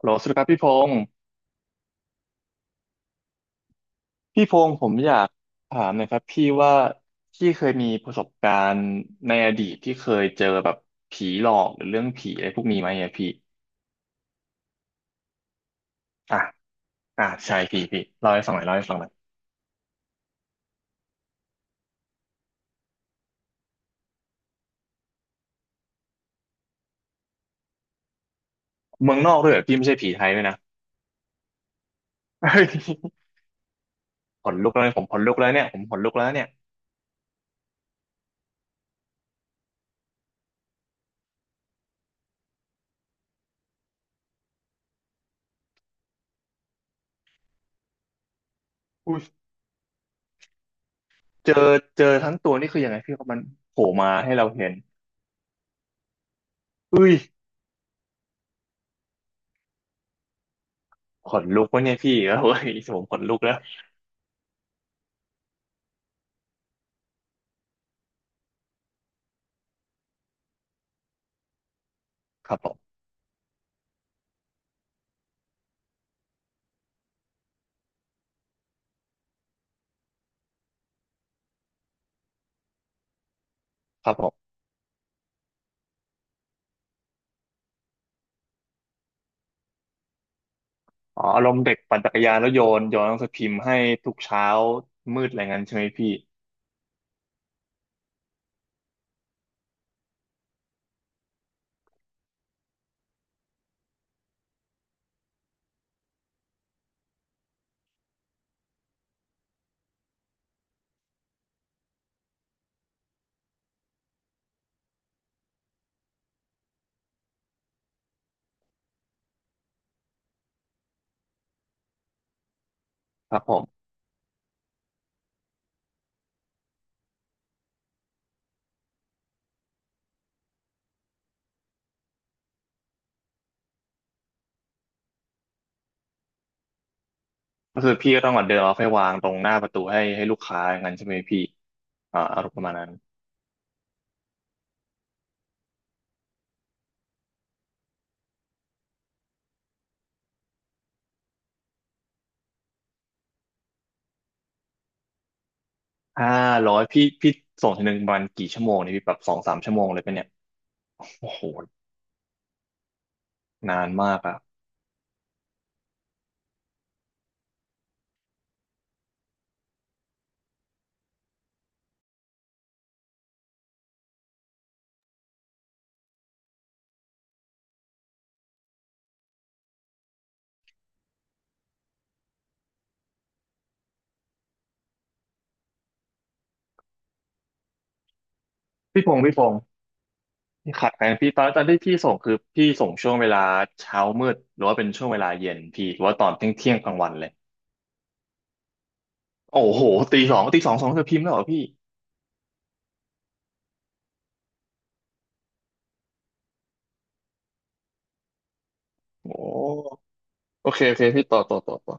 โหลสวัสดีครับพี่พงศ์พี่พงศ์ผมอยากถามหนะครับพี่ว่าพี่เคยมีประสบการณ์ในอดีตที่เคยเจอแบบผีหลอกหรือเรื่องผีอะไรพวกนี้ไหมอะพี่อ่ะอ่ะใช่พี่พี่เล่าให้ฟังหน่อยเล่าให้ฟังหน่อยเมืองนอกด้วยเหรอพี่ไม่ใช่ผีไทยด้วยนะเฮ้ย ขนลุกแล้วผมขนลุกแล้วเนี่ยผมขนลุกแล้วเนี่ยอุ้ยเจอเจอทั้งตัวนี่คือยังไงพี่ครับมันโผล่มาให้เราเห็นอุ้ยขนลุกวะเนี่ยพี่เอ้ยผมขนลุกแล้วครับผมครับผม อ๋ออารมณ์เด็กปั่นจักรยานแล้วโยนโยนหนังสือพิมพ์ให้ทุกเช้ามืดอะไรงั้นใช่ไหมพี่ครับผมก็คือพี่ก็ต้องเาเดินเอาไปวางตรงหน้าประตูให้ให้ลูกค้าอย่างนั้นใช่ไหมพี่อ่าอารมณ์ประมาณนั้นห้าร้อยพี่พี่ส่งทีหนึ่งประมาณกี่ชั่วโมงนี่พี่แบบสองสามชั่วโมงเลยปะเนี่ยโอ้โหนานมากอะพี่พงศ์พี่พงศ์พี่ขัดกันพี่ตอนตอนที่พี่ส่งคือพี่ส่งช่วงเวลาเช้ามืดหรือว่าเป็นช่วงเวลาเย็นพี่หรือว่าตอนเที่ยงเที่ยงกลางวันเลยโอ้โหตีสองตีสองสองเธอพิมพ์แล้วเหรอพี่โอ้ โอเคโอเคพี่ต่อต่อต่อต่อ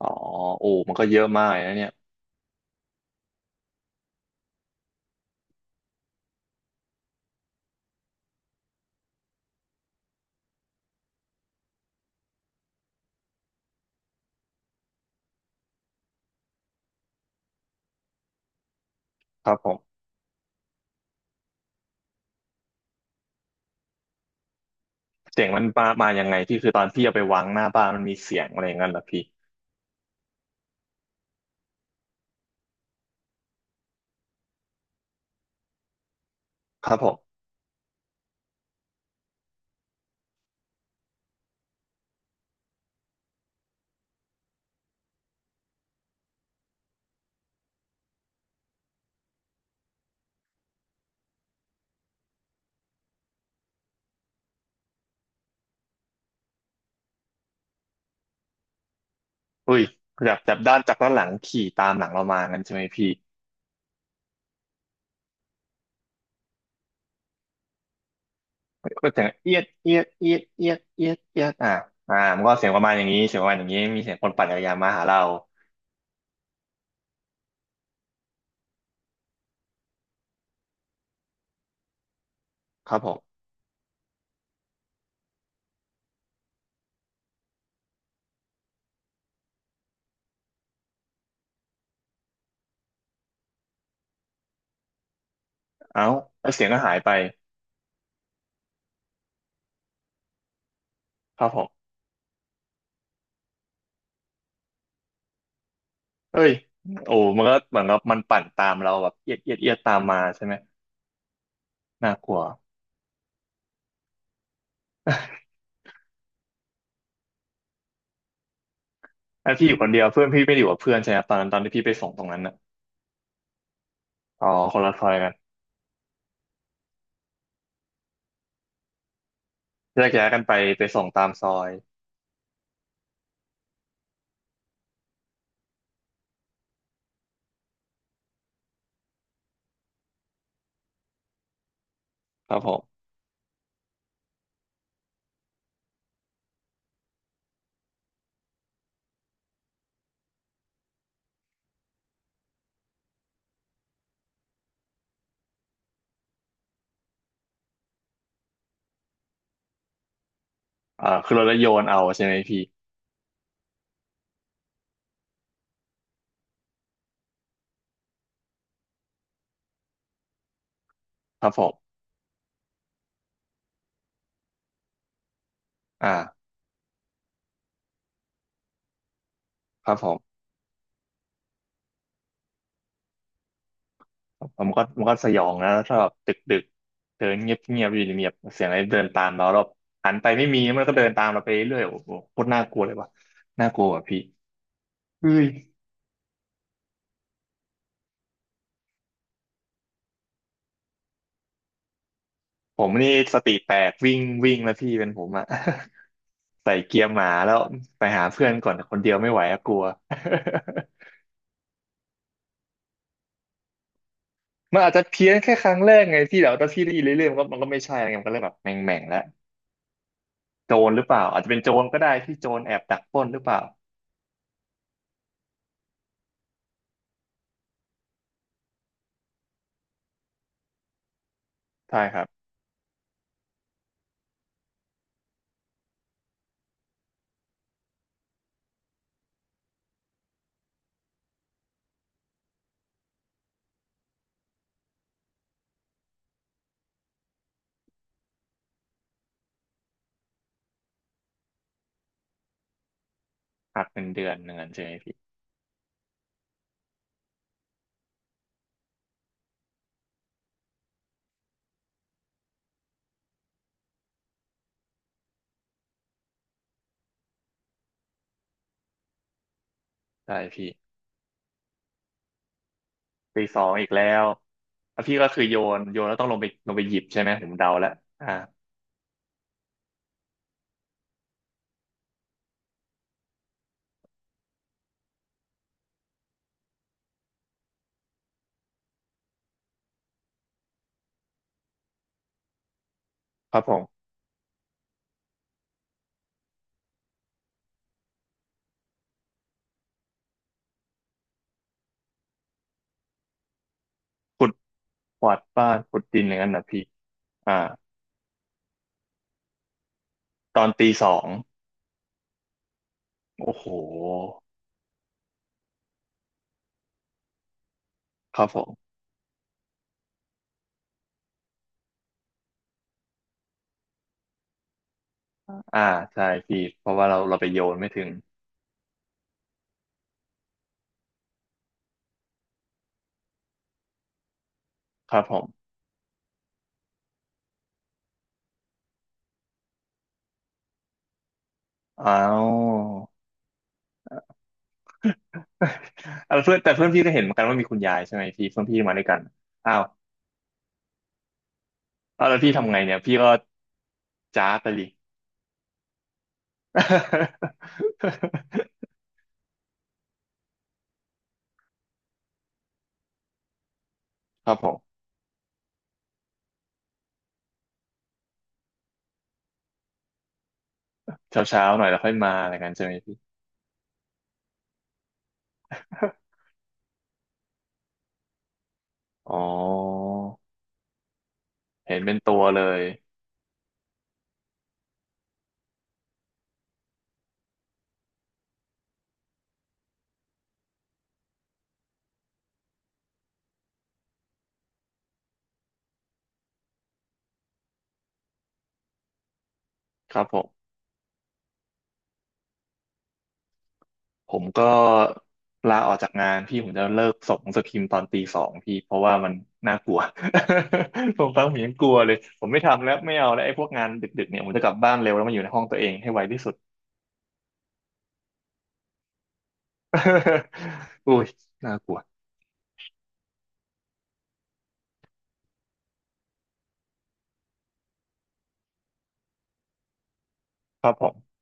อ๋อโอ้มันก็เยอะมากเลยนะเนี่ยครับผมเสียงมันมามายังไงพี่คือตอนพี่เอาไปวางหน้าบ้านมันมีเสียงอะไรอย่างนั้นเหรอพี่ครับผมอุ้ยแบบจากด้านจากด้านหลังขี่ตามหลังเรามางั้นใช่ไหมพี่ก็เสียงเอียดเอียดเอียดเอียดเอียดเอียดอ่ะอ่ามันก็เสียงประมาณอย่างนี้เสียงประมาณอย่างนี้มีเสียงคนปั่นจักรยานมาหาเราครับผมเอ้าแล้วเสียงก็หายไปครับผมเอ้ยโอ้มันก็เหมือนกับมันปั่นตามเราแบบเอียดเอียดเอียดตามมาใช่ไหมน่ากลัว แล้วพี่อยู่คนเดียวเพื่อนพี่ไม่ได้อยู่กับเพื่อนใช่ไหมครับตอนนั้นตอนที่พี่ไปส่งตรงนั้นน่ะอ๋อคนละซอยกันแยกย้ายกันไปไปส่งตามซอยครับผมอ่าคือเราแล้วโยนเอาใช่ไหมพี่ครับผมอ่าครับผมผมันก็มันก็สยองนะถ้าแบบดึกดึกเดินเงียบเงียบอยู่เงียบเสียงอะไรเดินตามเราเราหันไปไม่มีมันก็เดินตามเราไปเรื่อยโอ้โหโคตรน่ากลัวเลยว่ะน่ากลัวอ่ะพี่เฮ้ย ผมนี่สติแตกวิ่งวิ่งแล้วพี่เป็นผมอะ ใส่เกียร์หมาแล้วไปหาเพื่อนก่อนคนเดียวไม่ไหวอะกลัว มันอาจจะเพี้ยนแค่ครั้งแรกไงพี่แต่ว่าถ้าพี่ได้ยินเรื่อยๆมันก็มันก็ไม่ใช่ไงมันก็เลยแบบแหม่งแม่งแล้วโจรหรือเปล่าอาจจะเป็นโจรก็ได้ที่โจรแอบดักปล้นหรือเปล่าใช่ครับหักเป็นเดือนหนึ่งเงนใช่ไหมพี่ใช่พี่ปีสองอีกแล้วแล้วพี่ก็คือโยนโยนแล้วต้องลงไปลงไปหยิบใช่ไหมผมเดาแล้วอ่าครับผมขุดกวาดบ้านขุดดินอย่างนั้นนะพี่อ่าตอนตีสอง โอ้โหครับผมอ่าใช่พี่เพราะว่าเราเราไปโยนไม่ถึงครับผมอ้าว เอ่เพื่อนแต่เพื่อนพี่ก็เห็นเหมือนกันว่ามีคุณยายใช่ไหมพี่เพื่อนพี่มาด้วยกันอ้าวเอาแล้วพี่ทำไงเนี่ยพี่ก็จ้าไปดิ ครับผม เช้าเช้าหน่อยแล้วค่อยมาอะไรกันใช่ไหมพี่ อ๋อเห็นเป็นตัวเลยครับผม ผมก็ลาออกจากงานพี่ผมจะเลิกส่งหนังสือพิมพ์ตอนตีสองพี่เพราะว่ามันน่ากลัว ผมฟังผมยังกลัวเลยผมไม่ทำแล้วไม่เอาแล้วไอ้พวกงานดึกๆเนี่ยผมจะกลับบ้านเร็วแล้วมาอยู่ในห้องตัวเองให้ไวที่สุด อุ้ยน่ากลัวครับผม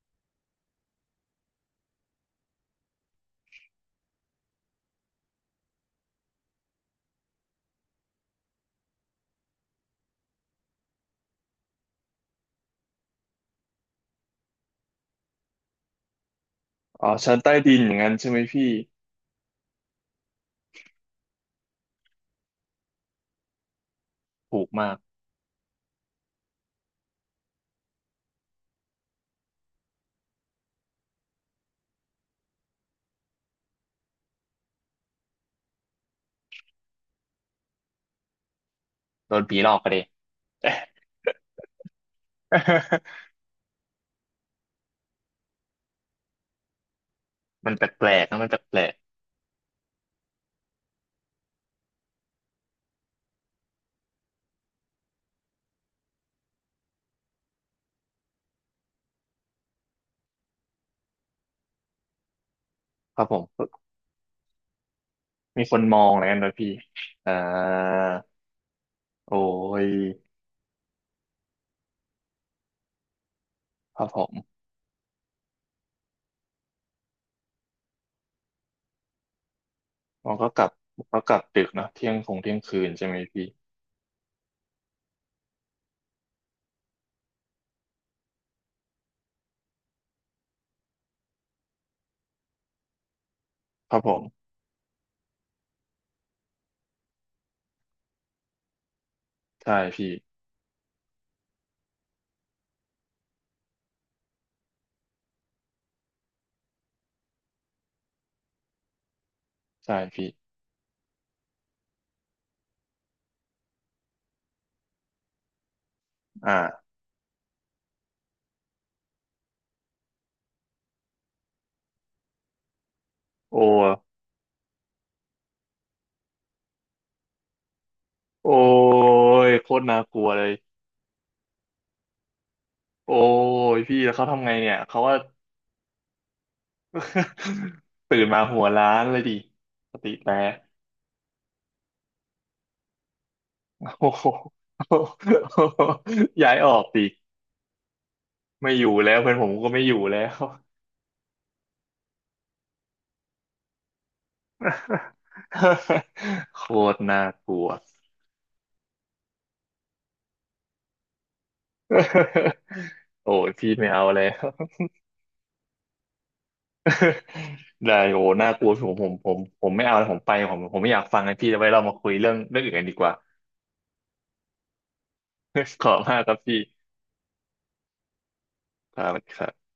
อ๋อชั้นใต้ดินอย่างนั้นใช่ไหมพี่ถูกมากโดนผีหลอกไปเลย มันแปลกๆนะมันแปลกๆครับผมมีคนมองอะไรกันโดยพี่อ่าโอ้ยครับผม อ๋อก็กลับก็กลับดึกเนอะเที่ยงคงเที่ยงคืนใช่ไหมพี่ครับผมใช่พี่ใช่พี่อ่าโอ้โอ้ยโคตรน่ากลัวเลยโอ้ยพี่แล้วเขาทำไงเนี่ยเขาว่า ตื่นมาหัวล้านเลยดิสติแตก โอ้โหย้ายออกดิไม่อยู่แล้วเพื่อนผมก็ไม่อยู่แล้ว โคตรน่ากลัว โอ้ยพี่ไม่เอาแล้ว ได้โอ้น่ากลัวผมผมผมผมไม่เอาแล้วผมไปผมผมไม่อยากฟังนะพี่เอาไว้เรามาคุยเรื่องเรื่องอื่นกันดีกว่า ขอบคุณมากครับพี่ครับ